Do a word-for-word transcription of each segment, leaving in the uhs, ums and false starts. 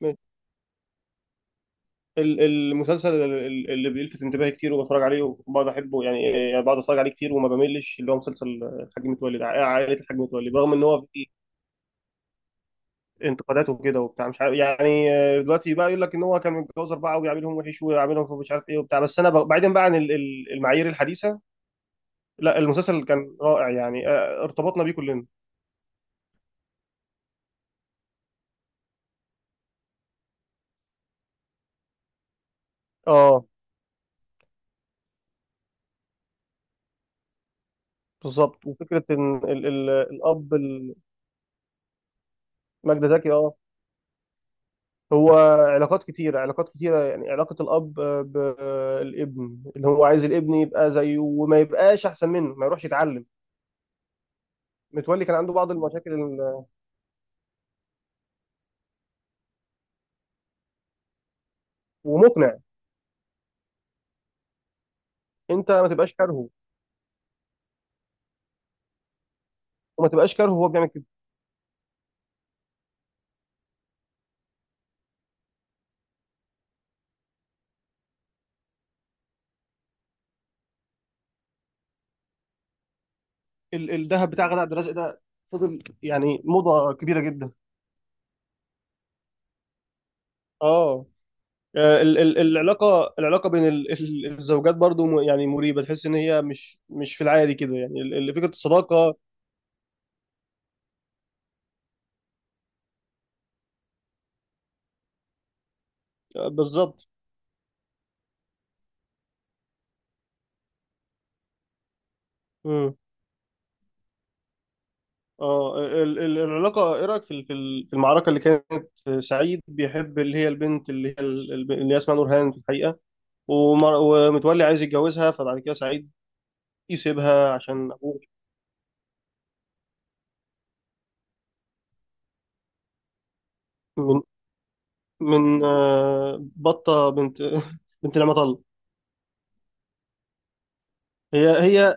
ماشي. ال- المسلسل ال- ال- اللي بيلفت انتباهي كتير وبتفرج عليه وبقعد احبه يعني يعني بقعد اتفرج عليه كتير وما بملش اللي هو مسلسل الحاج متولي ده، عائله الحاج متولي، رغم ان هو فيه انتقادات وكده وبتاع مش عارف يعني. آه، دلوقتي بقى يقول لك ان هو كان متجوز اربعه وبيعاملهم وحش ويعاملهم في مش عارف ايه وبتاع، بس انا ب- بعيدا بقى عن ال- ال- المعايير الحديثه. لا المسلسل كان رائع يعني. آه، ارتبطنا بيه كلنا. اه بالظبط، وفكره ان ال- ال- الاب ال- ماجدة زكي اه. هو علاقات كتيرة علاقات كتيرة، يعني علاقة الأب بالابن اللي هو عايز الابن يبقى زيه وما يبقاش أحسن منه، ما يروحش يتعلم. متولي كان عنده بعض المشاكل ال- ومقنع. أنت ما تبقاش كارهه، وما تبقاش كارهه وهو بيعمل كده. ال- الذهب بتاع غادة عبد الرازق ده فضل يعني موضة كبيرة جدا. اه ال- ال- العلاقة العلاقة بين ال- ال- الزوجات برضو م- يعني مريبة، تحس إن هي مش مش في العادي كده، يعني ال- ال- فكرة الصداقة. آه، بالظبط. اه ال- ال- العلاقة، ايه رأيك في ال- في ال- في المعركة اللي كانت؟ سعيد بيحب اللي هي البنت اللي هي ال- الب- اللي هي اسمها نورهان في الحقيقة، ومر- ومتولي عايز يتجوزها، فبعد كده سعيد يسيبها عشان ابوه. من من آه، بطة بنت بنت لما طل. هي هي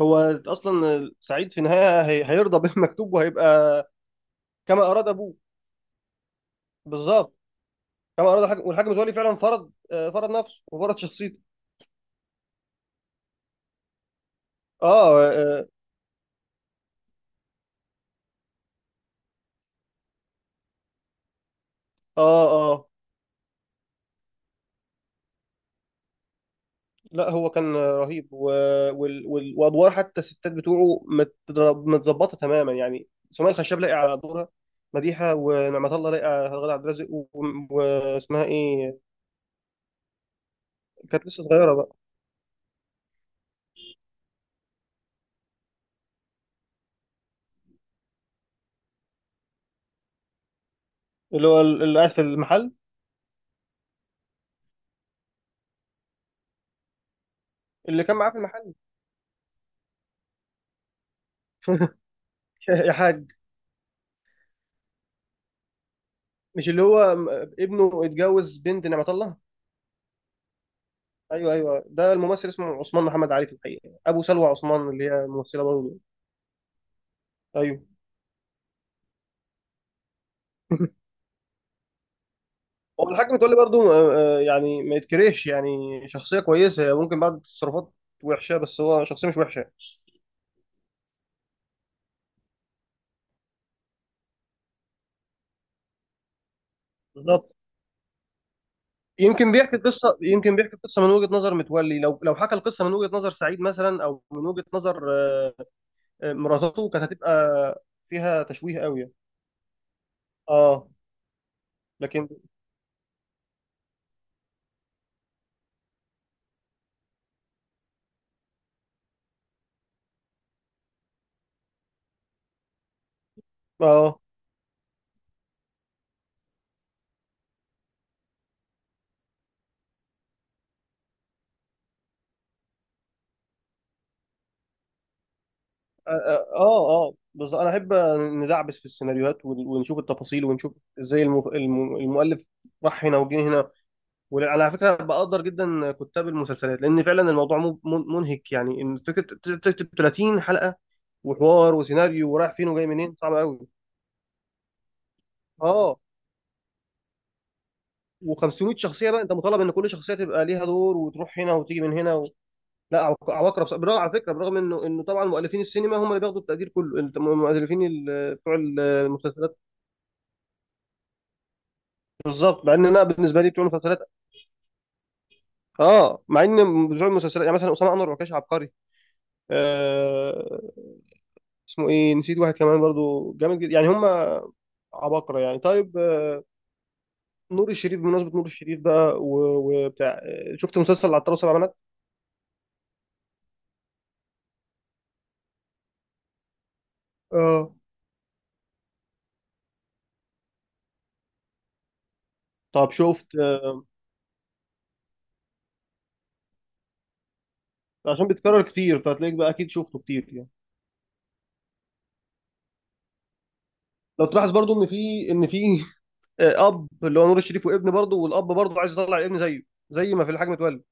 هو اصلا سعيد في النهاية هي- هيرضى بالمكتوب وهيبقى كما اراد ابوه. بالظبط، كما اراد الحاج. والحاج متولي فعلا فرض آه، فرض نفسه وفرض شخصيته. اه، اه، اه، آه. لا هو كان رهيب و... وال... وال... وادوار حتى الستات بتوعه مت... متظبطه تماما، يعني سمية الخشاب لاقي على دورها مديحه، ونعمة الله لاقي على غادة عبد الرازق و... واسمها ايه، كانت لسه صغيره بقى. اللي هو ال- اللي قاعد في المحل، اللي كان معاه في المحل. يا حاج. مش اللي هو م- ابنه اتجوز بنت نعمة الله. ايوه، ايوه، ده الممثل اسمه عثمان محمد علي في الحقيقه، ابو سلوى عثمان اللي هي ممثله برضه. ايوه. هو الحاكم تقول لي برضه. آه، آه، يعني ما يتكرهش، يعني شخصيه كويسه هي، ممكن بعض التصرفات وحشه بس هو شخصيه مش وحشه. بالظبط. يمكن بيحكي قصه يمكن بيحكي قصه من وجهه نظر متولي، لو لو حكى القصه من وجهه نظر سعيد مثلا، او من وجهه نظر آه، آه، مراتته كانت هتبقى فيها تشويه قوي يعني. اه لكن. اه، اه، اه، آه. بس انا احب ندعبس في السيناريوهات ون- ونشوف التفاصيل ونشوف ازاي المف... الم- المؤلف راح هنا وجه هنا. وعلى فكره بقدر جدا كتاب المسلسلات، لان فعلا الموضوع مو- مو- منهك، يعني ان تك- تكتب ثلاثين حلقه وحوار وسيناريو، ورايح فين وجاي منين، صعب قوي. اه و500 شخصيه بقى، انت مطالب ان كل شخصيه تبقى ليها دور، وتروح هنا وتيجي من هنا و... لا عبق- عبقرة. بص... بالرغم على فكره، برغم انه انه طبعا مؤلفين السينما هم اللي بياخدوا التقدير كله، انت م- مؤلفين ال... بتوع المسلسلات. بالظبط، مع ان انا بالنسبه لي بتوع المسلسلات اه، مع ان بتوع المسلسلات يعني مثلا اسامه انور عكاش عبقري. آه اسمه ايه، نسيت واحد كمان برضو جامد جدا، يعني هم عباقرة يعني. طيب، آه، نور الشريف. بمناسبة نور الشريف بقى و- وبتاع، آه، شفت مسلسل العطار سبع بنات؟ اه طب شفت آه، عشان بيتكرر كتير، فهتلاقيك بقى اكيد شفته كتير يعني. لو تلاحظ برضو ان في ان في آه، اب اللي هو نور الشريف وابن، برضو والاب برضو عايز يطلع الابن زيه، زي ما في الحاج متولي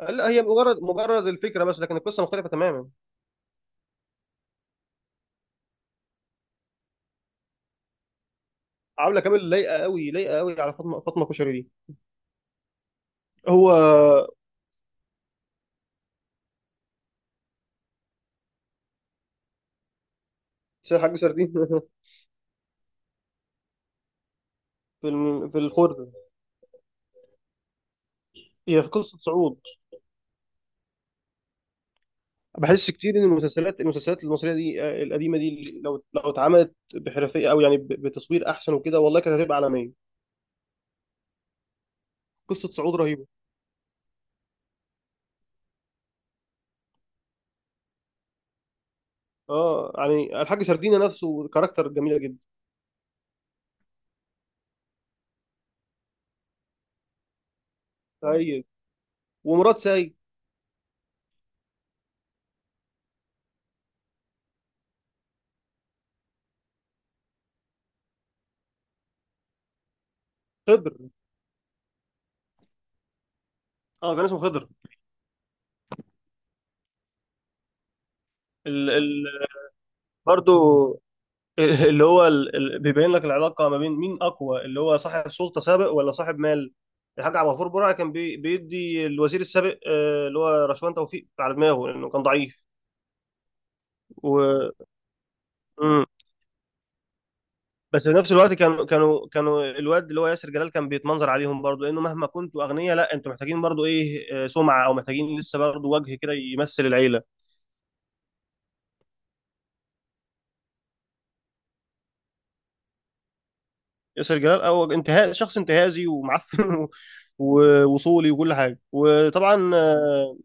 آه، لا هي مجرد مجرد الفكره بس، لكن القصه مختلفه تماما. عامله كامل لايقه قوي، لايقه قوي على فاطمه فاطمه كشري دي. هو سي- حاج سردين. في الم- في الخرده. هي في قصه صعود. بحس كتير ان المسلسلات المسلسلات المصريه دي آه، القديمه دي، لو لو اتعملت بحرفيه، او يعني ب- بتصوير احسن وكده، والله كانت هتبقى عالميه. قصه صعود رهيبه. اه يعني الحاج سردينه نفسه كاركتر جميله جدا. سيد، ومراد، سيد، خضر. اه كان اسمه خضر. ال ال برضو. ال- اللي هو ال ال بيبين لك العلاقه ما بين مين اقوى، اللي هو صاحب سلطه سابق ولا صاحب مال. الحاج عبد الغفور برعي كان بي بيدي الوزير السابق آه، اللي هو رشوان توفيق على دماغه، لانه كان ضعيف و... بس في نفس الوقت، كانوا كانوا كانوا الواد اللي هو ياسر جلال كان بيتمنظر عليهم برضو، لانه مهما كنتوا اغنياء لا انتوا محتاجين برضو ايه، آه، سمعه، او محتاجين لسه برضو وجه كده يمثل العيله. ياسر جلال او انتهاء، شخص انتهازي ومعفن و- ووصولي وكل حاجه، وطبعا اه.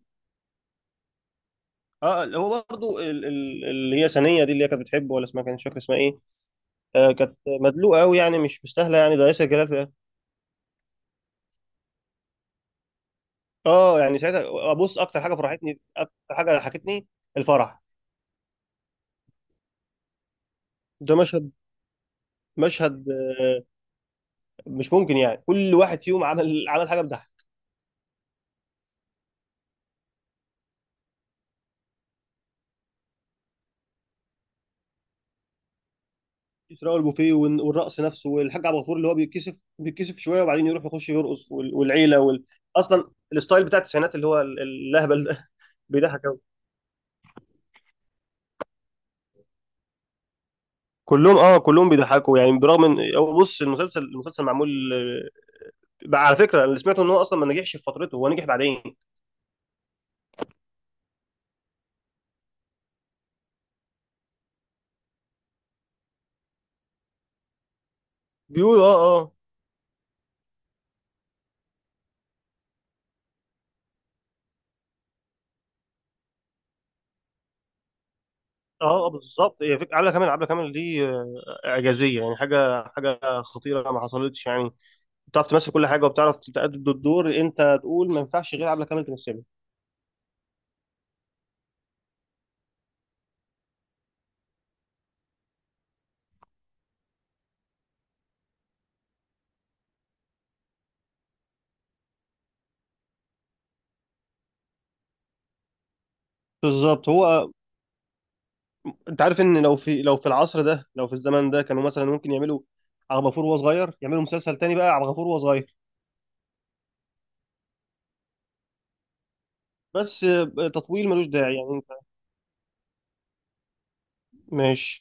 آه، اللي هو برضو ال- ال- اللي هي سنيه دي اللي هي كانت بتحبه، ولا اسمها، كانت مش فاكر اسمها ايه. آه كانت مدلوقه قوي يعني، مش مستاهله يعني ده ياسر جلال ده. اه يعني ساعتها. ابص، اكتر حاجه فرحتني اكتر حاجه ضحكتني الفرح. ده مشهد، مشهد مش ممكن، يعني كل واحد فيهم عمل عمل حاجه بتضحك. اسراء، البوفيه، والن- والرقص نفسه، والحاج عبد الغفور اللي هو بيتكسف بيتكسف شويه وبعدين يروح يخش يرقص، وال- والعيله وال... اصلا الستايل بتاع التسعينات اللي هو ال- اللهبل ده بيضحك قوي. كلهم اه، كلهم بيضحكوا يعني. برغم ان هو، بص، المسلسل المسلسل معمول آه، بقى على فكره، اللي سمعته ان هو اصلا ما نجحش في فترته، هو نجح بعدين بيقول. اه، اه، اه، آه، بالظبط. هي فك- عبلة كامل عبلة كامل دي آه، اعجازيه يعني، حاجه حاجه خطيره ما حصلتش يعني، بتعرف تمثل كل حاجه وبتعرف تأدي الدور، انت تقول ما ينفعش غير عبله كامل تمثله. بالظبط. هو انت عارف ان، لو في لو في العصر ده، لو في الزمن ده، كانوا مثلا ممكن يعملوا عبد الغفور وهو صغير، يعملوا مسلسل تاني بقى عبد الغفور وهو صغير. بس آه، تطويل ملوش داعي يعني انت. ماشي